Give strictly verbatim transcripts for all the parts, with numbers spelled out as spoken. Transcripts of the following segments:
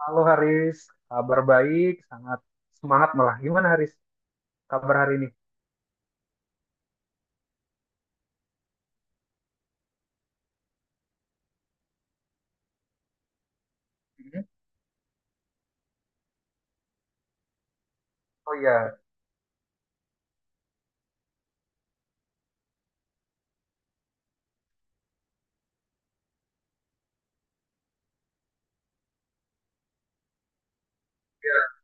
Halo Haris, kabar baik, sangat semangat malah. Gimana Haris, kabar hari ini? Mhm. Oh iya. Iya.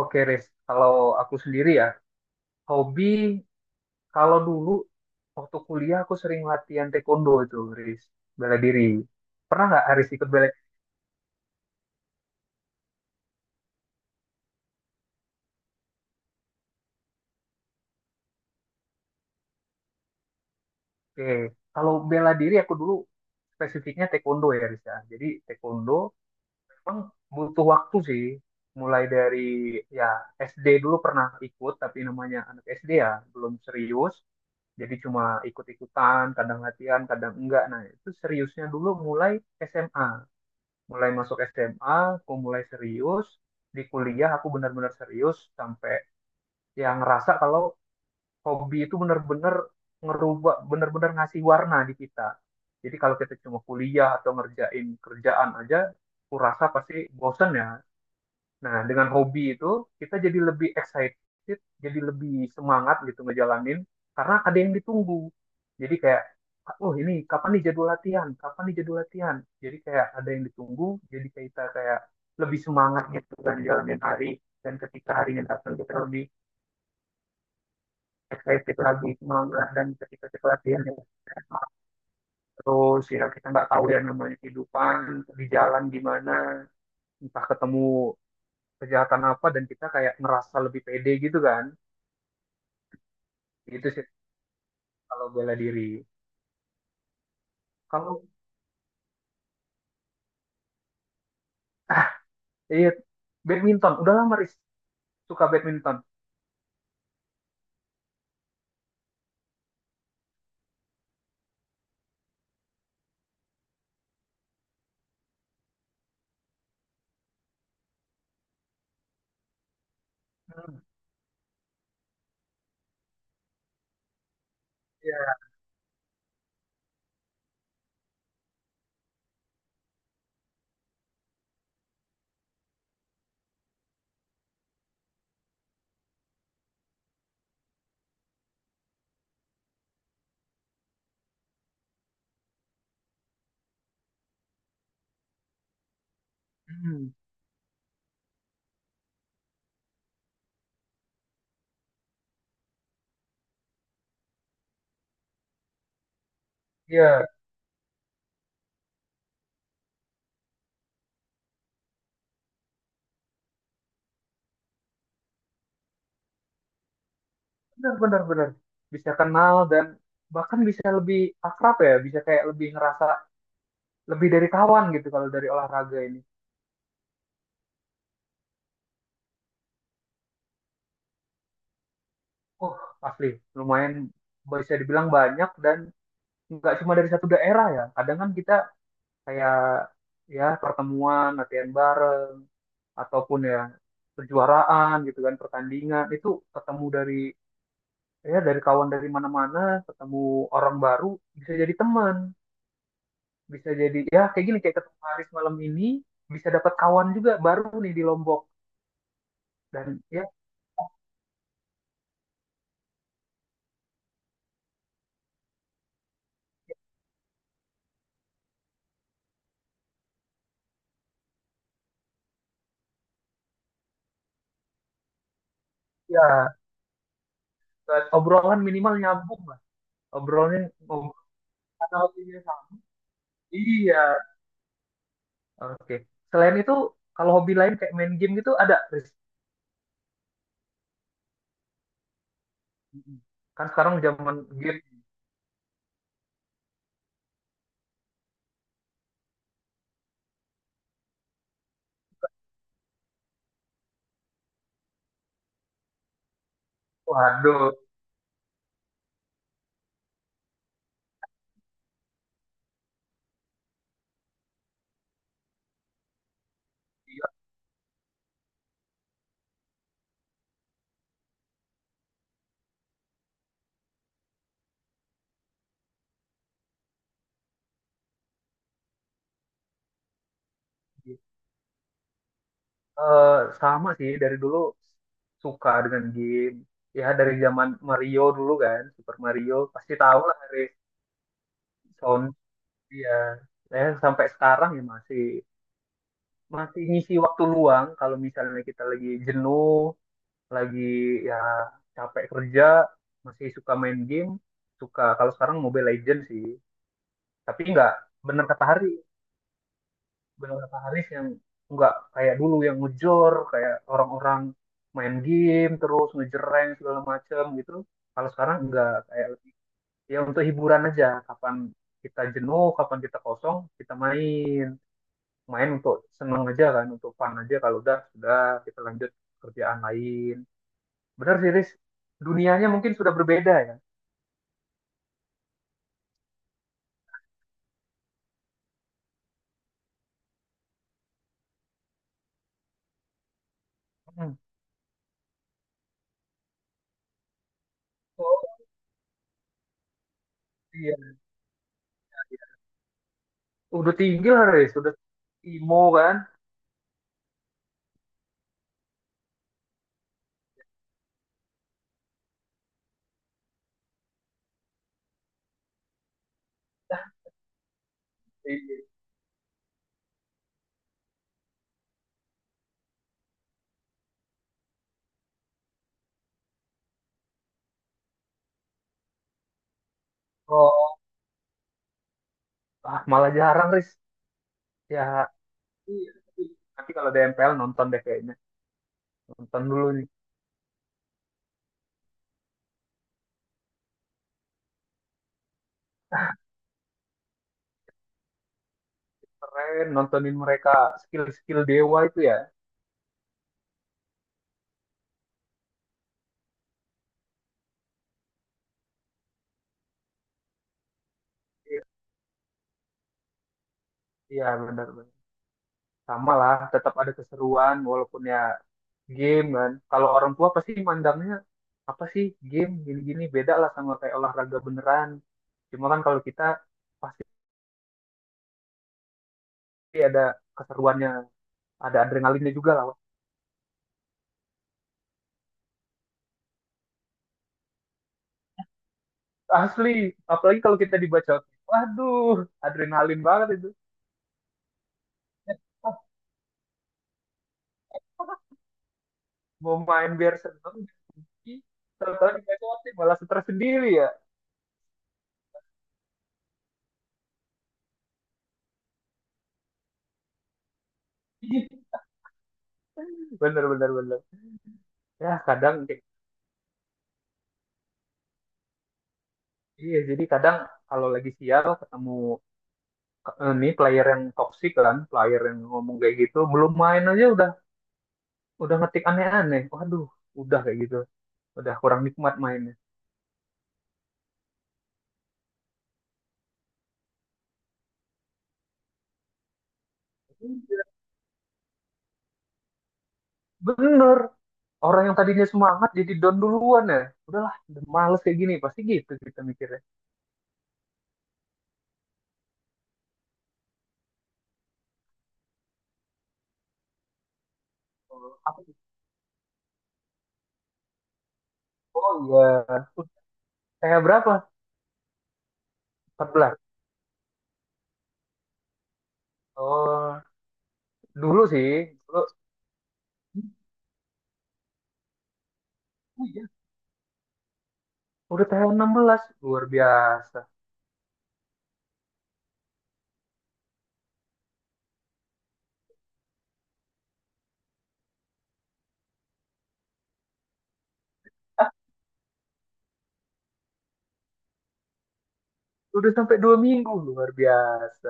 Oke Haris. Kalau aku sendiri ya, hobi kalau dulu waktu kuliah aku sering latihan taekwondo itu Haris, bela diri. Pernah nggak Haris ikut bela? Oke, kalau bela diri aku dulu spesifiknya taekwondo ya Haris ya. Jadi taekwondo emang butuh waktu sih, mulai dari ya S D dulu pernah ikut, tapi namanya anak S D ya belum serius, jadi cuma ikut-ikutan, kadang latihan kadang enggak. Nah itu seriusnya dulu mulai S M A mulai masuk S M A aku mulai serius. Di kuliah aku benar-benar serius sampai yang ngerasa kalau hobi itu benar-benar ngerubah, benar-benar ngasih warna di kita. Jadi kalau kita cuma kuliah atau ngerjain kerjaan aja, aku rasa pasti bosen ya. Nah, dengan hobi itu kita jadi lebih excited, jadi lebih semangat gitu ngejalanin karena ada yang ditunggu. Jadi kayak, oh ini kapan nih jadwal latihan? Kapan nih jadwal latihan? Jadi kayak ada yang ditunggu, jadi kayak kita kayak lebih semangat gitu kan jalanin hari, dan ketika harinya datang kita lebih excited lagi, semangat, dan ketika kita latihan terus, ya kita nggak tahu yang namanya kehidupan di jalan gimana, entah ketemu kejahatan apa, dan kita kayak ngerasa lebih pede gitu kan. Itu sih kalau bela diri. Kalau iya badminton, udah lama Riz suka badminton. Hmm. Iya. Hmm. Iya, benar benar benar. Bisa kenal dan bahkan bisa lebih akrab ya, bisa kayak lebih ngerasa lebih dari kawan gitu kalau dari olahraga ini. Oh asli, lumayan, bisa dibilang banyak dan nggak cuma dari satu daerah ya. Kadang kan kita kayak ya pertemuan, latihan bareng ataupun ya kejuaraan gitu kan, pertandingan itu ketemu dari ya dari kawan dari mana-mana, ketemu orang baru, bisa jadi teman, bisa jadi ya kayak gini kayak ketemu Haris malam ini, bisa dapat kawan juga baru nih di Lombok. Dan ya, ya obrolan minimal nyambung lah, obrolannya obrolan hobinya sama. Iya, oke. Selain itu kalau hobi lain kayak main game gitu ada Riz? Mm-mm. Kan sekarang zaman game. Waduh. Iya. Eh, Sama sih dari dulu suka dengan game, ya dari zaman Mario dulu kan, Super Mario pasti tahu lah, dari sound. Iya. Ya, eh, sampai sekarang ya masih masih ngisi waktu luang kalau misalnya kita lagi jenuh, lagi ya capek kerja, masih suka main game. Suka kalau sekarang Mobile Legends sih, tapi nggak bener kata Hari benar kata Haris yang nggak kayak dulu, yang ngejor kayak orang-orang main game terus ngejereng segala macem gitu. Kalau sekarang nggak kayak lebih, ya untuk hiburan aja, kapan kita jenuh kapan kita kosong kita main main untuk seneng aja kan, untuk fun aja. Kalau udah sudah kita lanjut kerjaan lain. Benar sih Haris, dunianya mungkin sudah berbeda ya. Hmm. Oh, iya, iya. Udah tinggi lah Haris, udah imo kan. Iya. oh Ah, malah jarang, Riz. Ya. Iya. Nanti kalau D M P L nonton deh kayaknya. Nonton dulu nih. Keren, nontonin mereka skill-skill dewa itu ya. Iya, iya, benar-benar. Sama lah, tetap ada keseruan walaupun ya game kan. Kalau orang tua pasti mandangnya apa sih, game gini-gini beda lah sama kayak olahraga beneran. Cuma kan kalau kita pasti ada keseruannya, ada adrenalinnya juga lah. Wak. Asli, apalagi kalau kita dibacotin. Waduh, adrenalin banget itu. Ah, Mau main biar seneng, tahu-tahu di malah stres sendiri ya. Bener bener bener. Ya kadang, iya jadi kadang kalau lagi sial ketemu, eh, nih player yang toksik kan, player yang ngomong kayak gitu, belum main aja udah, udah ngetik aneh-aneh. Waduh, udah kayak gitu. Udah kurang nikmat mainnya. Bener. Orang yang tadinya semangat jadi down duluan ya. Udahlah, udah males kayak gini. Pasti gitu kita mikirnya. Oh, apa sih? Oh iya. Saya berapa? Empat belas. Oh, dulu sih. Dulu Udah tanggal enam belas, luar biasa. Udah sampai dua minggu, luar biasa.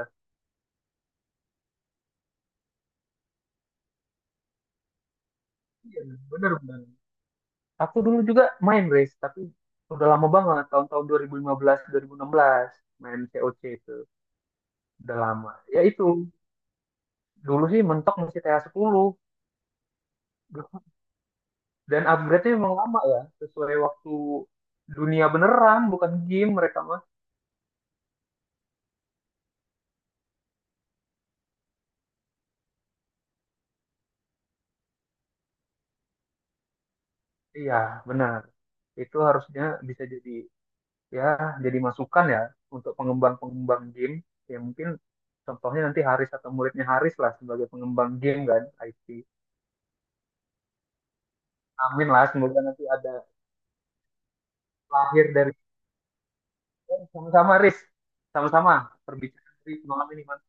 Iya, bener bener. Aku dulu juga main race, tapi udah lama banget, tahun-tahun dua ribu lima belas, dua ribu enam belas main C O C itu. Udah lama. Ya itu, dulu sih mentok masih T A sepuluh. Dan upgrade-nya memang lama ya, sesuai waktu dunia beneran, bukan game mereka mah. Iya, benar. Itu harusnya bisa jadi ya jadi masukan ya untuk pengembang-pengembang game, ya mungkin contohnya nanti Haris atau muridnya Haris lah sebagai pengembang game kan, I T. Amin lah, semoga nanti ada lahir dari, eh, sama-sama Haris, sama-sama perbincangan Riz malam ini mantap.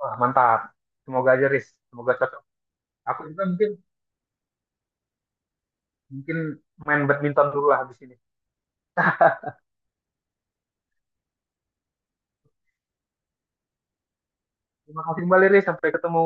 Wah, mantap, semoga aja Riz semoga cocok. Aku juga mungkin, mungkin main badminton dulu lah habis ini. Terima kasih kembali Riz, sampai ketemu.